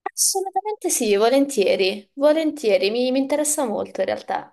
Assolutamente sì, volentieri, volentieri, mi interessa molto in realtà.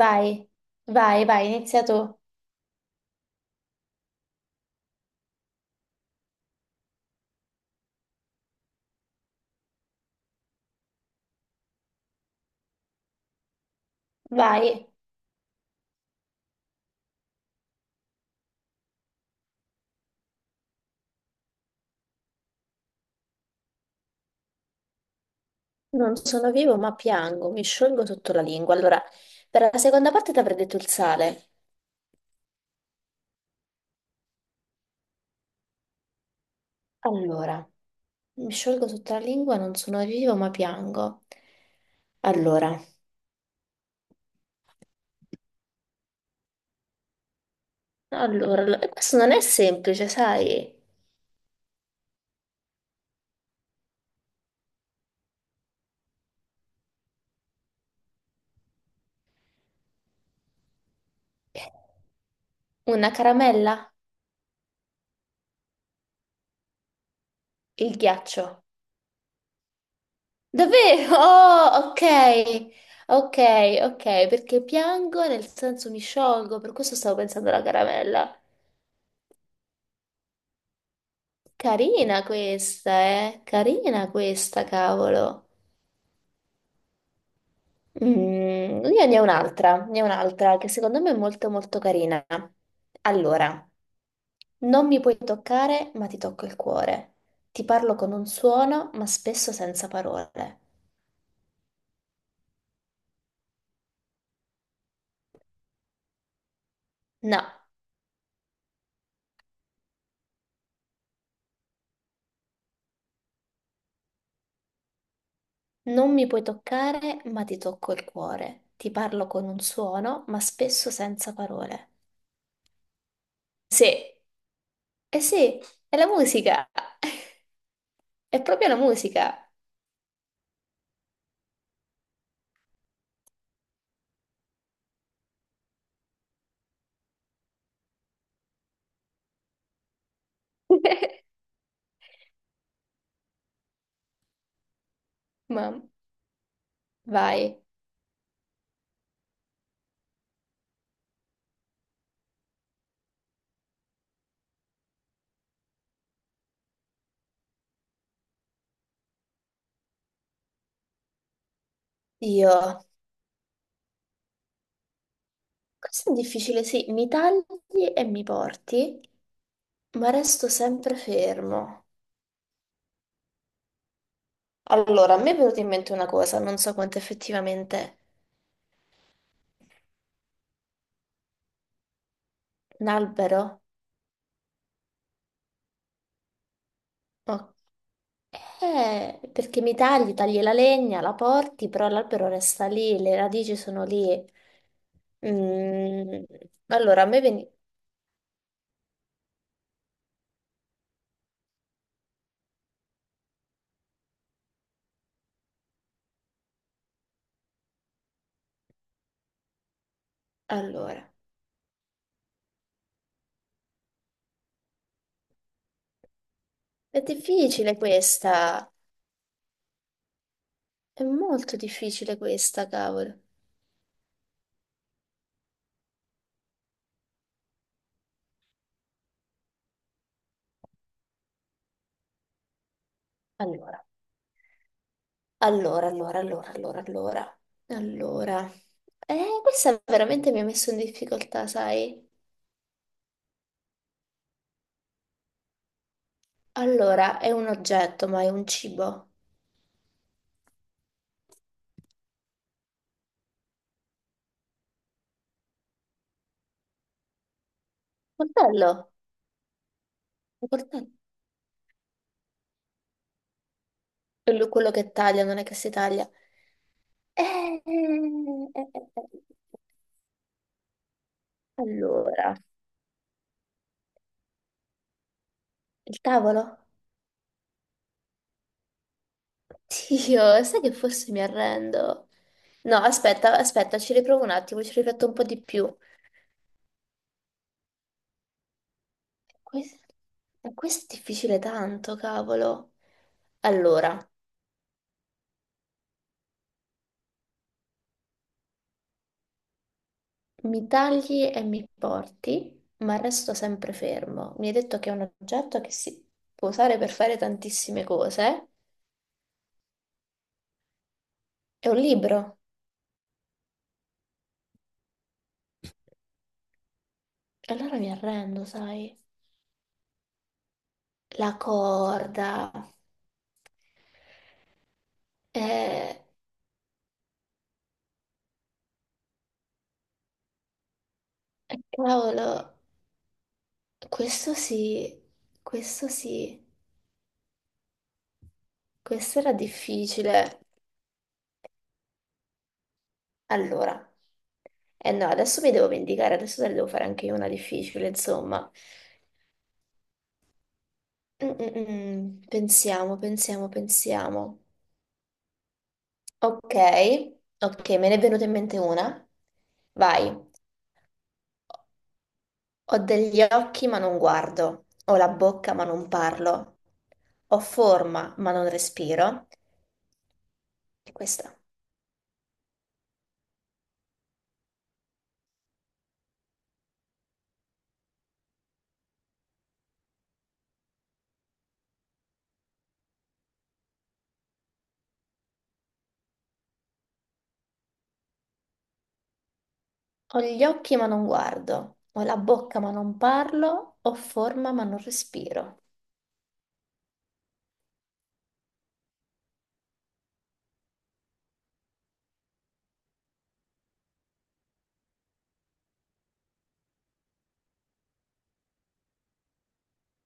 Vai, vai, vai, inizia tu, vai. Non sono vivo ma piango, mi sciolgo sotto la lingua. Allora, per la seconda parte ti avrei detto il sale. Allora, mi sciolgo sotto la lingua, non sono vivo ma piango. Allora, allora, questo non è semplice, sai? Una caramella, il ghiaccio. Davvero? Oh, ok, ok, ok, perché piango nel senso mi sciolgo, per questo stavo pensando alla caramella. Carina questa, eh? Carina questa, cavolo. Io ne ho un'altra che secondo me è molto molto carina. Allora, non mi puoi toccare, ma ti tocco il cuore. Ti parlo con un suono, ma spesso senza parole. No. Non mi puoi toccare, ma ti tocco il cuore. Ti parlo con un suono, ma spesso senza parole. Sì, eh sì, è la musica. È proprio la musica. Ma vai. Io. Questo è difficile, sì. Mi tagli e mi porti, ma resto sempre fermo. Allora, a me è venuta in mente una cosa, non so quanto effettivamente. Un albero? Ok. Perché mi tagli, tagli la legna, la porti, però l'albero resta lì, le radici sono lì. Mm, Allora, a me veni... Allora, è difficile questa, è molto difficile questa, cavolo. Allora, allora, allora, allora, allora, allora. Allora, questa veramente mi ha messo in difficoltà, sai? Allora, è un oggetto, ma è un cibo. Coltello, un coltello. Quello che taglia, non è che si taglia. Eh, eh, eh, eh. eh, eh. Allora, il tavolo? Dio, sai che forse mi arrendo. No, aspetta, aspetta, ci riprovo un attimo, ci rifletto un po' di più. Questo, questo è difficile tanto, cavolo. Allora, mi tagli e mi porti, ma resto sempre fermo. Mi hai detto che è un oggetto che si può usare per fare tantissime cose. È un libro. E allora mi arrendo, sai. La corda. Eh, cavolo, questo sì, questo sì, questo era difficile. Allora, eh no, adesso mi devo vendicare, adesso te ne devo fare anche io una difficile, insomma. Pensiamo, pensiamo, pensiamo. Ok, ok, me ne è venuta in mente una. Vai. Ho degli occhi ma non guardo, ho la bocca ma non parlo, ho forma ma non respiro. E questa. Ho gli occhi ma non guardo, ho la bocca ma non parlo, ho forma ma non respiro.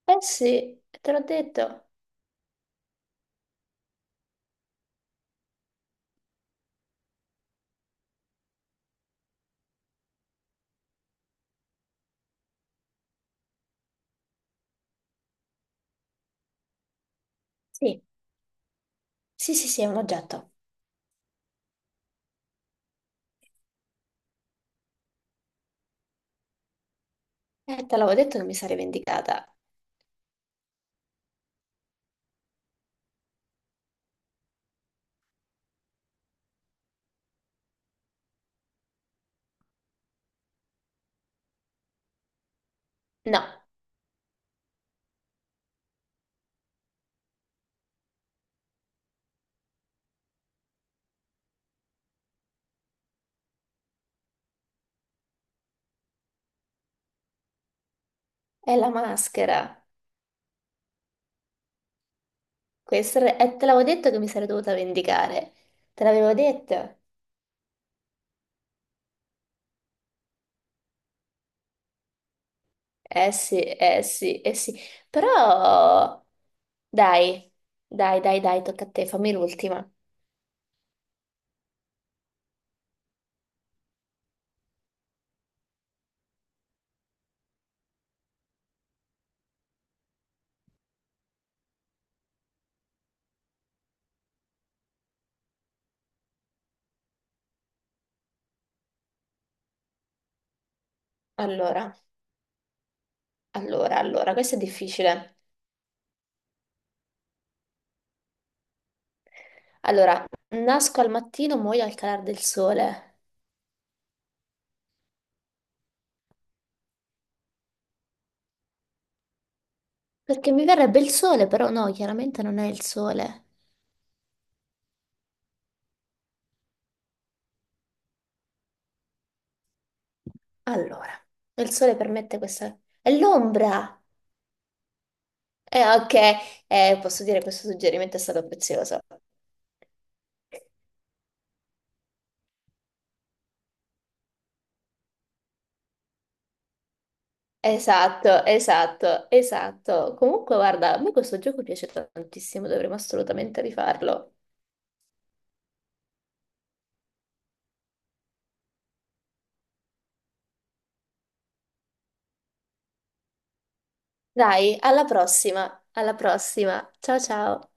Eh sì, te l'ho detto. Sì, sì, sì, sì, è un oggetto. Te l'avevo detto che mi sarei vendicata. No, è la maschera. Questa è... te l'avevo detto che mi sarei dovuta vendicare. Te l'avevo detto. Eh sì, eh sì, eh sì. Però... Dai, dai, dai, dai, tocca a te, fammi l'ultima. Allora, allora, allora, questo è difficile. Allora, nasco al mattino, muoio al calar del sole. Perché mi verrebbe il sole, però no, chiaramente non è il sole. Allora, il sole permette questa... È l'ombra! Ok, posso dire che questo suggerimento è stato prezioso. Esatto, esatto, esatto. Comunque, guarda, a me questo gioco piace tantissimo, dovremmo assolutamente rifarlo. Dai, alla prossima, alla prossima. Ciao ciao.